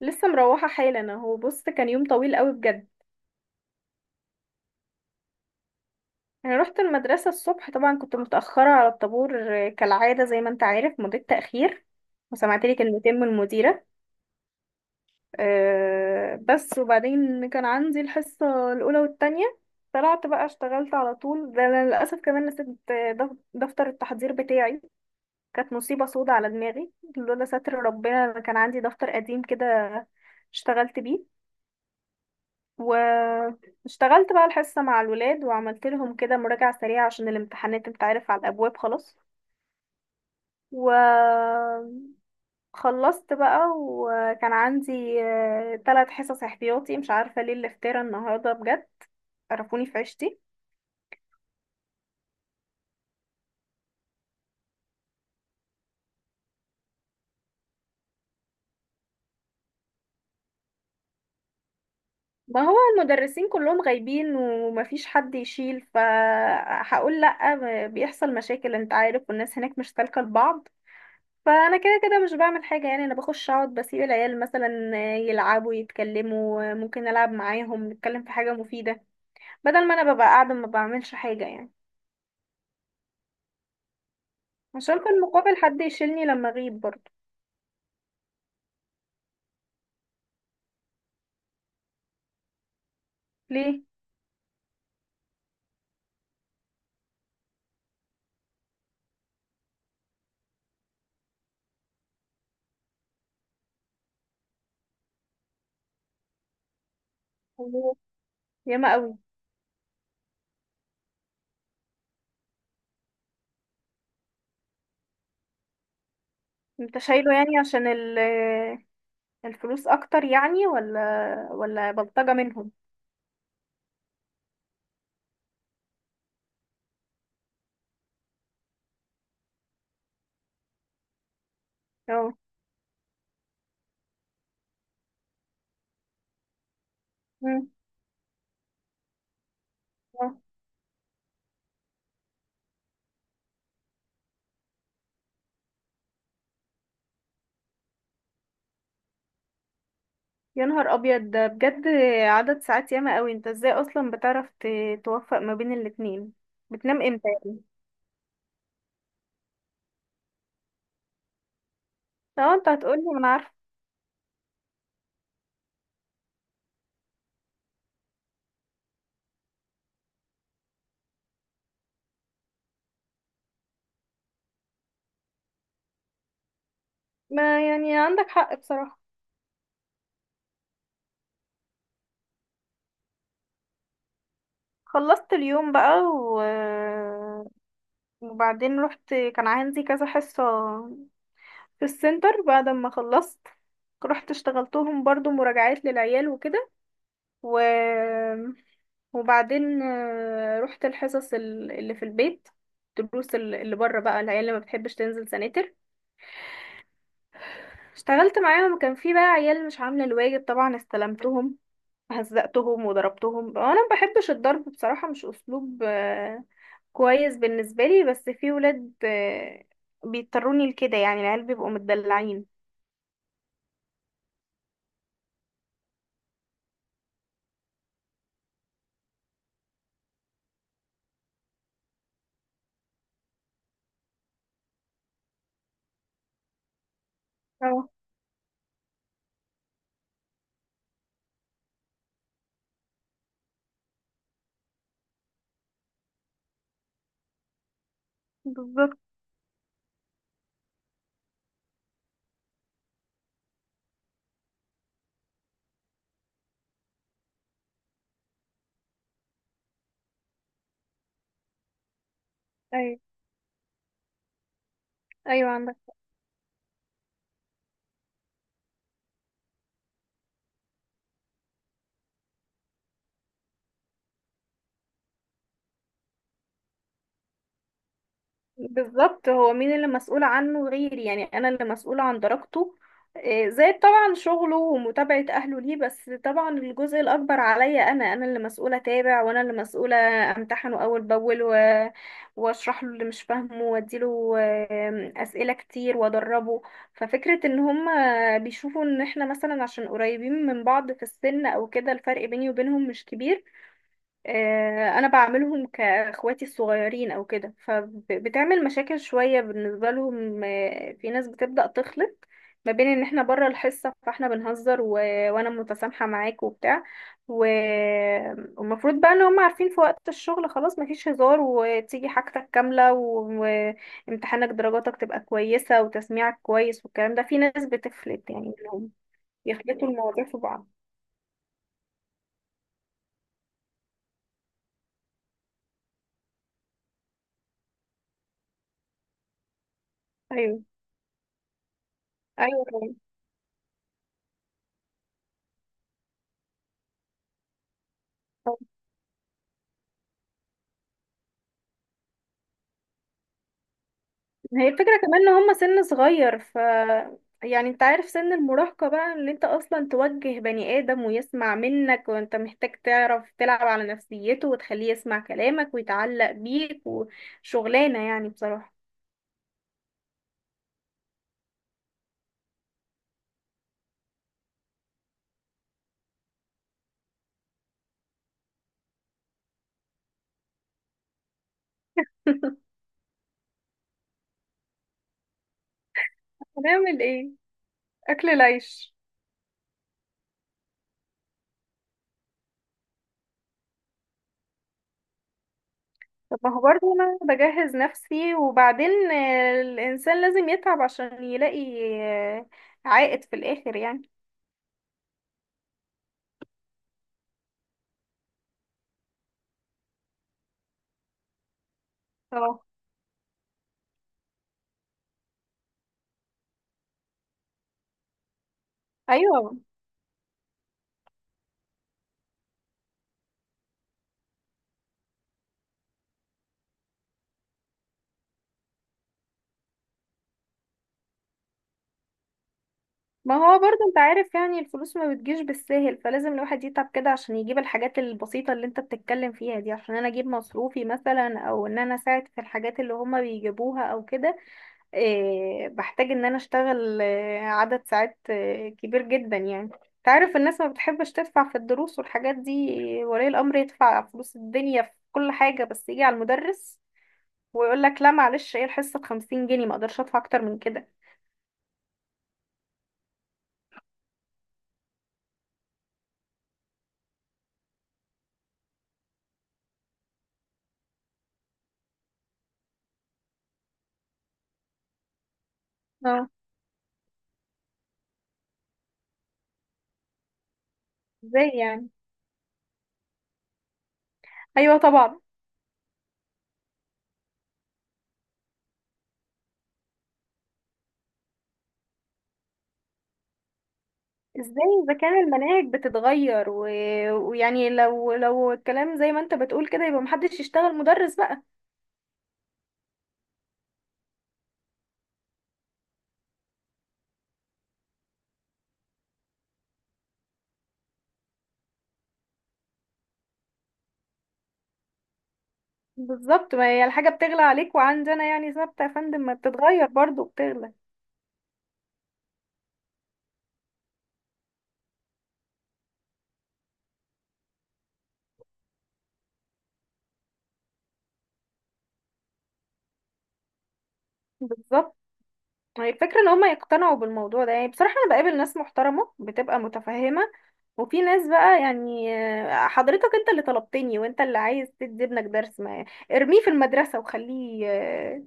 لسه مروحة حالا، اهو بص، كان يوم طويل قوي بجد. انا رحت المدرسة الصبح، طبعا كنت متأخرة على الطابور، كالعادة زي ما انت عارف، مضيت تأخير وسمعت لي كلمتين من المديرة. أه بس، وبعدين كان عندي الحصة الأولى والتانية. طلعت بقى، اشتغلت على طول. ده أنا للأسف كمان نسيت دفتر التحضير بتاعي. كانت مصيبة سودة على دماغي، لولا ستر ربنا. أنا كان عندي دفتر قديم كده اشتغلت بيه. واشتغلت بقى الحصة مع الولاد، وعملت لهم كده مراجعة سريعة عشان الامتحانات، انت عارف، على الأبواب خلاص. وخلصت بقى، وكان عندي 3 حصص احتياطي. مش عارفة ليه الافتراء النهاردة بجد، قرفوني في عيشتي. ما هو المدرسين كلهم غايبين ومفيش حد يشيل، فهقول لأ بيحصل مشاكل، انت عارف، والناس هناك مش سالكة لبعض. فانا كده كده مش بعمل حاجه يعني، انا بخش اقعد بسيب العيال مثلا يلعبوا يتكلموا، ممكن العب معاهم نتكلم في حاجه مفيده، بدل ما انا ببقى قاعده ما بعملش حاجه يعني. عشان في المقابل حد يشيلني لما اغيب برضه. ليه؟ الله! ياما قوي. انت شايله يعني عشان الفلوس اكتر يعني، ولا بلطجه منهم؟ اه. مم. آه. يا نهار ابيض ده بجد! عدد ساعات ياما قوي، انت ازاي اصلا بتعرف توفق ما بين الاتنين؟ بتنام امتى؟ لو انت هتقولي ما انا عارفه. ما يعني عندك حق بصراحة. خلصت اليوم بقى، وبعدين رحت كان عندي كذا حصة في السنتر. بعد ما خلصت رحت اشتغلتهم برضو مراجعات للعيال وكده. و... وبعدين رحت الحصص اللي في البيت، الدروس اللي بره بقى، العيال اللي ما بتحبش تنزل سناتر. اشتغلت معاهم، كان في بقى عيال مش عاملة الواجب طبعا، استلمتهم، هزقتهم وضربتهم. انا ما بحبش الضرب بصراحة، مش اسلوب كويس بالنسبة لي، بس في ولاد بيضطروني لكده، يعني العيال بيبقوا متدلعين. اه. بالظبط. ايوه. ايوه عندك. بالظبط، هو مين اللي مسؤول عنه غيري يعني؟ انا اللي مسؤولة عن درجته، زائد طبعا شغله ومتابعة اهله ليه، بس طبعا الجزء الاكبر عليا، انا اللي مسؤولة اتابع، وانا اللي مسؤولة امتحنه اول باول واشرح له اللي مش فاهمه، واديله اسئلة كتير وادربه. ففكرة ان هم بيشوفوا ان احنا، مثلا عشان قريبين من بعض في السن او كده، الفرق بيني وبينهم مش كبير. انا بعملهم كاخواتي الصغيرين او كده، فبتعمل مشاكل شوية بالنسبة لهم. في ناس بتبدأ تخلط ما بين ان احنا بره الحصة فاحنا بنهزر، وانا متسامحة معاك وبتاع، و... والمفروض بقى ان هم عارفين في وقت الشغل خلاص مفيش هزار، وتيجي حاجتك كاملة وامتحانك درجاتك تبقى كويسة وتسميعك كويس، والكلام ده في ناس بتفلت يعني انهم يخلطوا المواضيع في بعض. ايوه. ايوه. طبعاً. هي الفكرة كمان ان هما سن صغير، ف يعني انت عارف، سن المراهقة بقى، ان انت اصلا توجه بني ادم ويسمع منك، وانت محتاج تعرف تلعب على نفسيته وتخليه يسمع كلامك ويتعلق بيك، وشغلانة يعني بصراحة. هنعمل ايه؟ اكل العيش. طب ما هو برضه انا بجهز نفسي، وبعدين الانسان لازم يتعب عشان يلاقي آه، عائد في الاخر يعني. اه. ايوه. ما هو برضه انت عارف يعني، الفلوس ما بتجيش بالساهل، فلازم الواحد يتعب كده عشان يجيب الحاجات البسيطة اللي انت بتتكلم فيها دي، عشان انا اجيب مصروفي مثلا، او ان انا اساعد في الحاجات اللي هما بيجيبوها او كده. إيه، بحتاج ان انا اشتغل عدد ساعات كبير جدا يعني، انت عارف الناس ما بتحبش تدفع في الدروس والحاجات دي، ولي الامر يدفع فلوس الدنيا في كل حاجة، بس يجي على المدرس ويقول لك لا معلش، ايه الحصة بـ50 جنيه؟ ما اقدرش ادفع اكتر من كده. اه. ازاي يعني؟ ايوه طبعا. ازاي اذا كان المناهج بتتغير ويعني، لو الكلام زي ما انت بتقول كده، يبقى محدش يشتغل مدرس بقى. بالظبط. ما هي الحاجة بتغلى عليك، وعندنا يعني ثابتة يا فندم؟ ما بتتغير برضو، بتغلى. بالظبط. هي الفكرة ان هما يقتنعوا بالموضوع ده، يعني بصراحة انا بقابل ناس محترمة بتبقى متفهمة، وفي ناس بقى يعني حضرتك انت اللي طلبتني وانت اللي عايز تدي ابنك درس، ما ارميه في المدرسة وخليه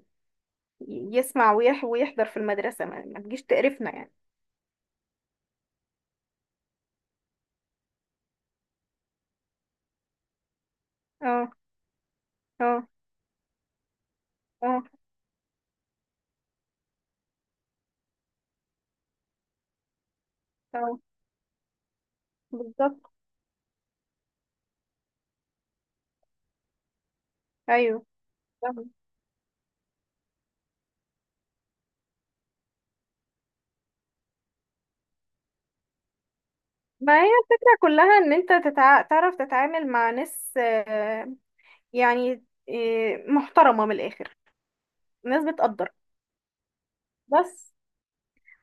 يسمع ويحضر في المدرسة، ما تجيش تقرفنا يعني. اه. اه. اه. اه. بالظبط. ايوه. فاهمة. ما هي الفكرة كلها ان انت تعرف تتعامل مع ناس، يعني محترمة من الاخر، ناس بتقدر بس.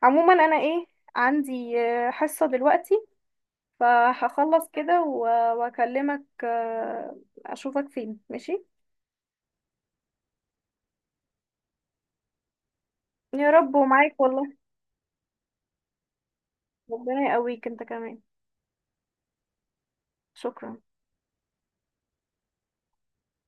عموما انا ايه، عندي حصة دلوقتي، فهخلص كده واكلمك اشوفك فين ماشي. يا رب ومعاك والله. ربنا يقويك انت كمان. شكرا.